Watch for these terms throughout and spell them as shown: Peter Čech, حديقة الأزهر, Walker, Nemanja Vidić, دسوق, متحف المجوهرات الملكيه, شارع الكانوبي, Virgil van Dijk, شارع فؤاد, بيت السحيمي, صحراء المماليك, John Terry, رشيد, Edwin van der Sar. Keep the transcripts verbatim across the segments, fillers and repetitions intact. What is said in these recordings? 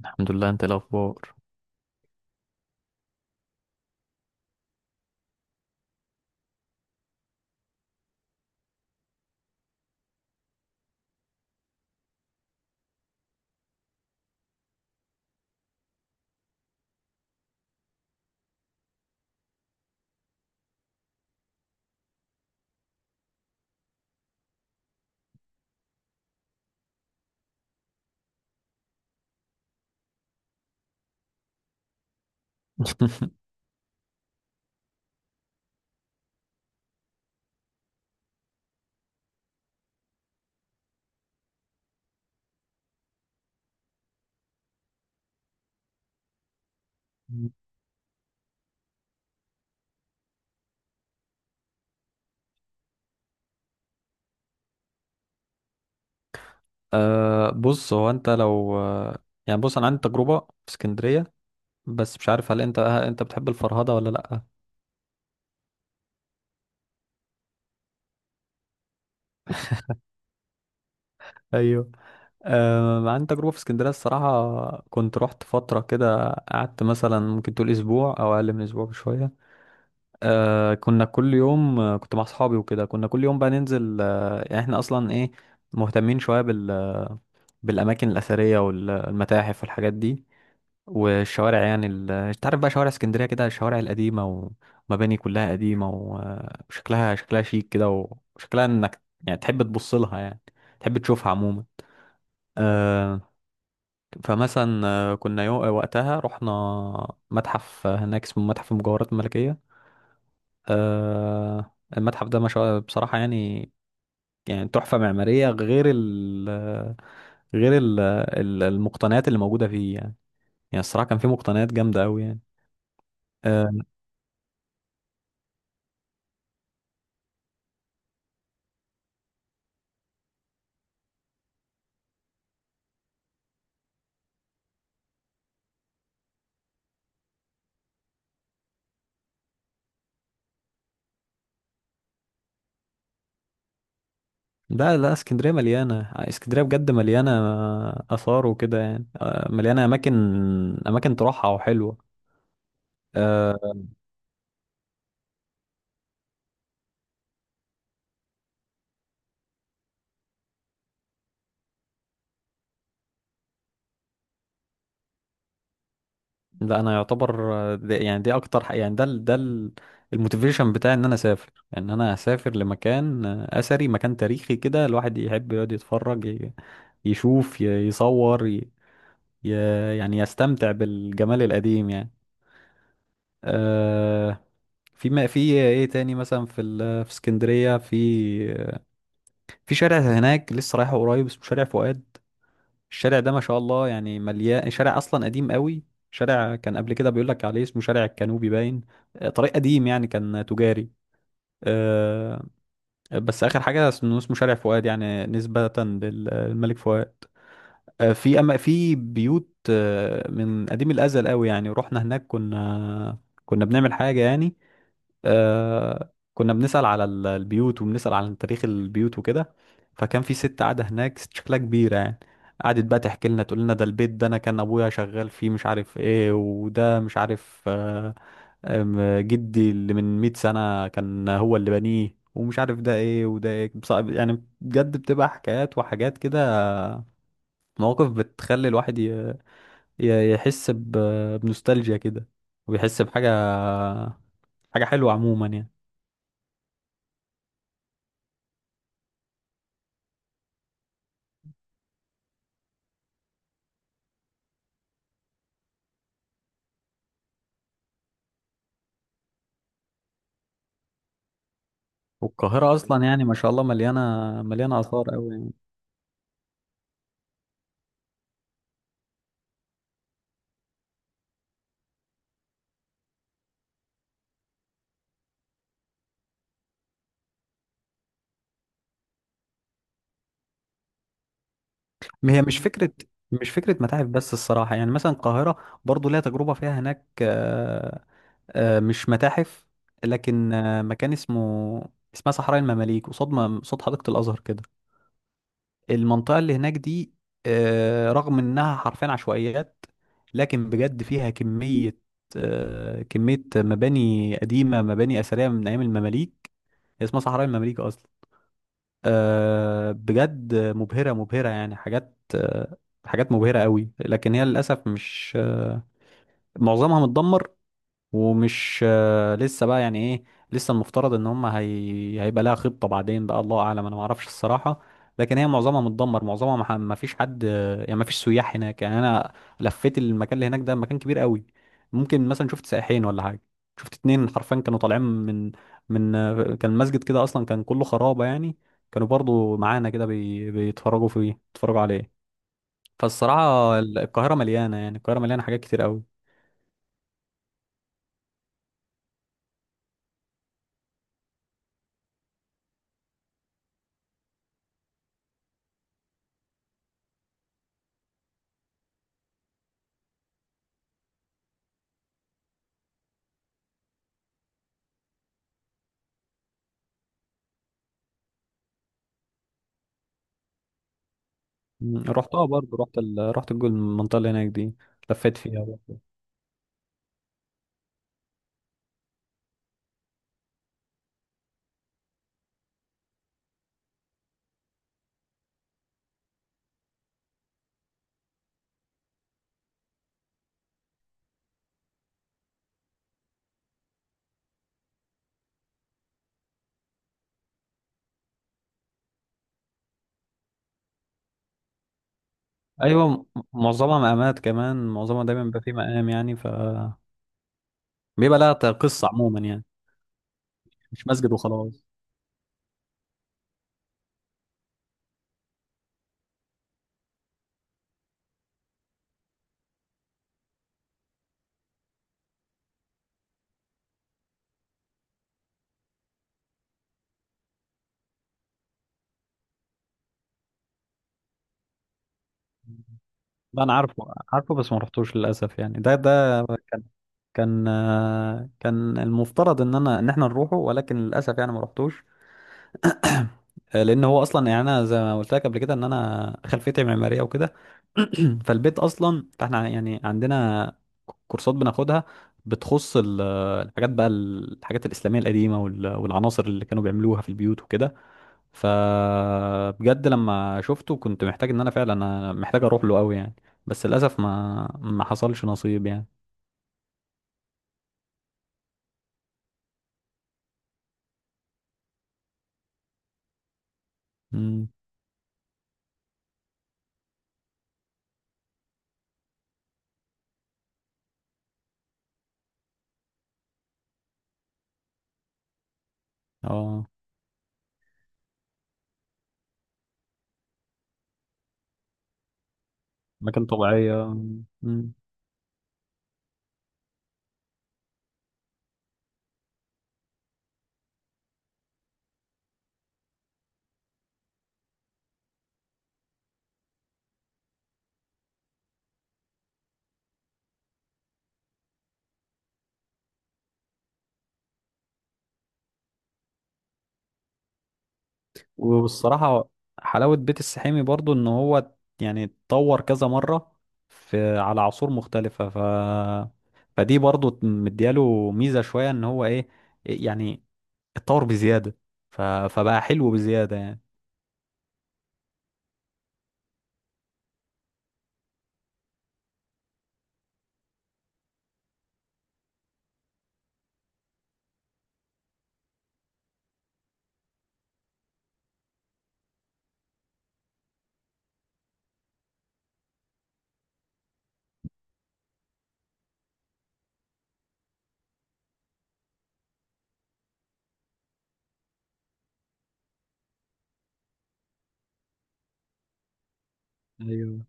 الحمد لله، انت ايه الاخبار؟ أه، بص. هو انت لو يعني بص انا عندي تجربه في اسكندريه، بس مش عارف هل انت اه انت بتحب الفرهده ولا لا. ايوه. أه، عندي تجربه في اسكندريه. الصراحه كنت رحت فتره كده، قعدت مثلا ممكن تقول اسبوع او اقل من اسبوع بشويه. أه، كنا كل يوم، آه، كنت مع اصحابي وكده، كنا كل يوم بقى ننزل. آه، يعني احنا اصلا ايه، مهتمين شويه بال بالاماكن الاثريه والمتاحف والحاجات دي والشوارع. يعني ال... انت عارف بقى شوارع اسكندريه كده، الشوارع القديمه ومباني كلها قديمه، وشكلها شكلها شيك كده، وشكلها انك يعني تحب تبص لها، يعني تحب تشوفها عموما. آه. فمثلا، آه، كنا يو... وقتها رحنا متحف هناك اسمه متحف المجوهرات الملكيه. آه المتحف ده ما شاء بصراحه، يعني يعني تحفه معماريه، غير ال... غير ال... ال- المقتنيات اللي موجوده فيه. يعني يعني الصراحه كان فيه مقتنيات جامده قوي، يعني. آه، لا لا، اسكندرية مليانة، آه، اسكندرية بجد مليانة آثار وكده، يعني آه، مليانة أماكن، أماكن تروحها وحلوة. أه. لا أنا يعتبر، آه، دي يعني دي أكتر ح- يعني ده ال- ده ال- الموتيفيشن بتاعي، إن أنا أسافر إن أنا أسافر لمكان آه، أثري، مكان تاريخي كده، الواحد يحب يقعد يتفرج، ي- يشوف، ي- يصور، ي- ي- يعني يستمتع بالجمال القديم يعني. أه. في، ما في ايه تاني مثلا في ال- في اسكندرية، في في شارع هناك لسه رايحه قريب، اسمه شارع فؤاد. الشارع ده ما شاء الله يعني، مليان. شارع اصلا قديم قوي. شارع كان قبل كده بيقول لك عليه اسمه شارع الكانوبي، باين. آه، طريق قديم، يعني كان تجاري. آه، بس اخر حاجه اسمه اسمه شارع فؤاد، يعني نسبه لل- للملك فؤاد. آه، في، اما في بيوت، آه، من قديم الازل قوي. يعني رحنا هناك، كنا كنا بنعمل حاجه يعني. آه كنا بنسأل على ال- البيوت، وبنسأل على تاريخ البيوت وكده. فكان في ست قاعدة هناك، ست شكلها كبيرة يعني، قعدت بقى تحكي لنا، تقول لنا ده البيت ده انا كان ابويا شغال فيه، مش عارف ايه، وده مش عارف. آه آم، جدي اللي من مئة سنة كان هو اللي بنيه، ومش عارف ده ايه وده ايه. بص- يعني بجد بتبقى حكايات وحاجات كده، مواقف بتخلي الواحد ي- ي- يحس ب- بنوستالجيا كده، ويحس بحاجة حاجة حلوة عموما يعني. والقاهرة أصلا يعني ما شاء الله مليانة، مليانة آثار أوي يعني. ما هي مش فكرة، مش فكرة متاحف بس الصراحة. يعني مثلا القاهرة برضو ليها تجربة فيها هناك، آه، آه، مش متاحف، لكن آه، مكان اسمه، اسمها صحراء المماليك، قصاد ما- قصاد حديقة الأزهر كده، المنطقة اللي هناك دي. آه، رغم إنها حرفيا عشوائيات، لكن بجد فيها كمية آه، كمية مباني قديمة، مباني أثرية من أيام المماليك. هي اسمها صحراء المماليك أصلا. آه، بجد مبهرة، مبهرة يعني، حاجات آه، حاجات مبهرة قوي، لكن هي للأسف مش آه، معظمها متدمر، ومش آه، لسه بقى يعني ايه. لسه المفترض ان هم، هي... هيبقى لها خطة بعدين بقى، الله اعلم، انا ما اعرفش الصراحة. لكن هي معظمها متدمر، معظمها ما ح- ما فيش حد. يعني ما فيش سياح هناك. يعني انا لفيت المكان اللي هناك ده، مكان كبير قوي. ممكن مثلا شفت سائحين ولا حاجة، شفت اتنين حرفيا كانوا طالعين من، من آه، كان المسجد كده اصلا كان كله خرابة يعني. كانوا برضو معانا كده، بي... بيتفرجوا فيه بيتفرجوا عليه. فالصراحة القاهرة مليانة، يعني القاهرة مليانة حاجات كتير قوي. مم. رحتها برضه، رحت ال... رحت الجول، المنطقة اللي هناك دي. لفيت فيها برضه. ايوه. م- معظمها مقامات كمان، معظمها دايما بيبقى فيه مقام يعني، ف بيبقى لها ت- قصة عموما يعني، مش مسجد وخلاص. لا انا عارفه عارفه، بس ما رحتوش للاسف يعني. ده ده كان كان آه، كان المفترض ان انا ان احنا نروحه، ولكن للاسف يعني ما رحتوش. آه، لان هو اصلا يعني، انا زي ما قلت لك قبل كده، ان انا خلفيتي معماريه وكده. فالبيت اصلا، فاحنا ع- يعني عندنا كورسات بناخدها، بتخص ال- الحاجات بقى، الحاجات الاسلاميه القديمه وال- والعناصر اللي كانوا بيعملوها في البيوت وكده. فبجد لما شفته كنت محتاج ان انا فعلا انا محتاج اروح له قوي يعني. بس للاسف ما ما حصلش نصيب يعني. امم. اه، اماكن طبيعيه. مم. والصراحة حلاوة بيت السحيمي برضو، ان هو يعني اتطور كذا مرة، في، على عصور مختلفة. ف... فدي برضو مدياله ميزة شوية، ان هو ايه، يعني اتطور بزيادة. ف... فبقى حلو بزيادة يعني. ايوه.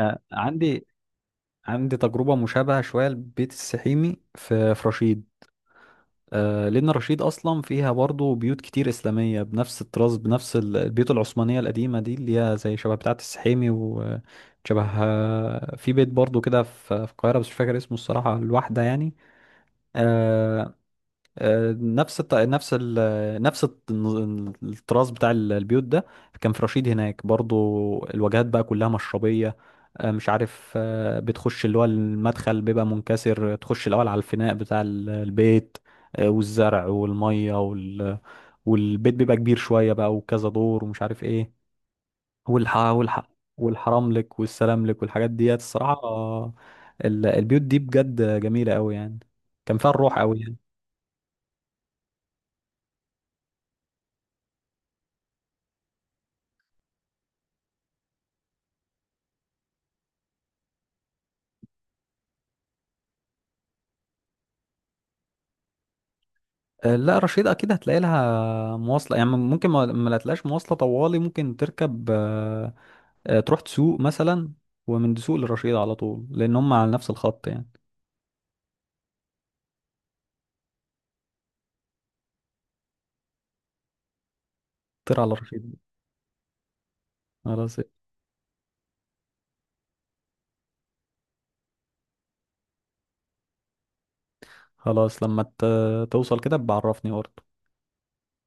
آه، عندي عندي تجربة مشابهة شوية لبيت السحيمي في في رشيد. آه، لأن رشيد أصلا فيها برضو بيوت كتير إسلامية بنفس الطراز، بنفس ال- البيوت العثمانية القديمة دي، اللي هي زي شبه بتاعة السحيمي وشبه. في بيت برضو كده في في القاهرة، بس مش فاكر اسمه الصراحة، الواحدة يعني. آه، آه، نفس الط... نفس ال... نفس الط- الطراز بتاع ال- البيوت ده، كان في رشيد هناك برضو. الواجهات بقى كلها مشربية، آه، مش عارف، آه، بتخش اللي هو المدخل بيبقى منكسر، تخش الأول على الفناء بتاع ال- البيت، آه، والزرع والمية وال... والبيت بيبقى كبير شوية بقى وكذا دور ومش عارف ايه. والح... والح... والحرام لك والسلام لك والحاجات ديت الصراحة. آه، ال- البيوت دي بجد جميلة قوي يعني، كان فيها الروح قوي. آه، لا رشيد اكيد هتلاقي لها مواصله، يعني ممكن ما ما لا تلاقيش مواصله طوالي، ممكن تركب، آه، آه، تروح تسوق مثلا، ومن دسوق لرشيد على طول، لان هم على نفس الخط يعني. طير على رشيد. خلاص. خلاص، لما ت- توصل كده بعرفني برضه.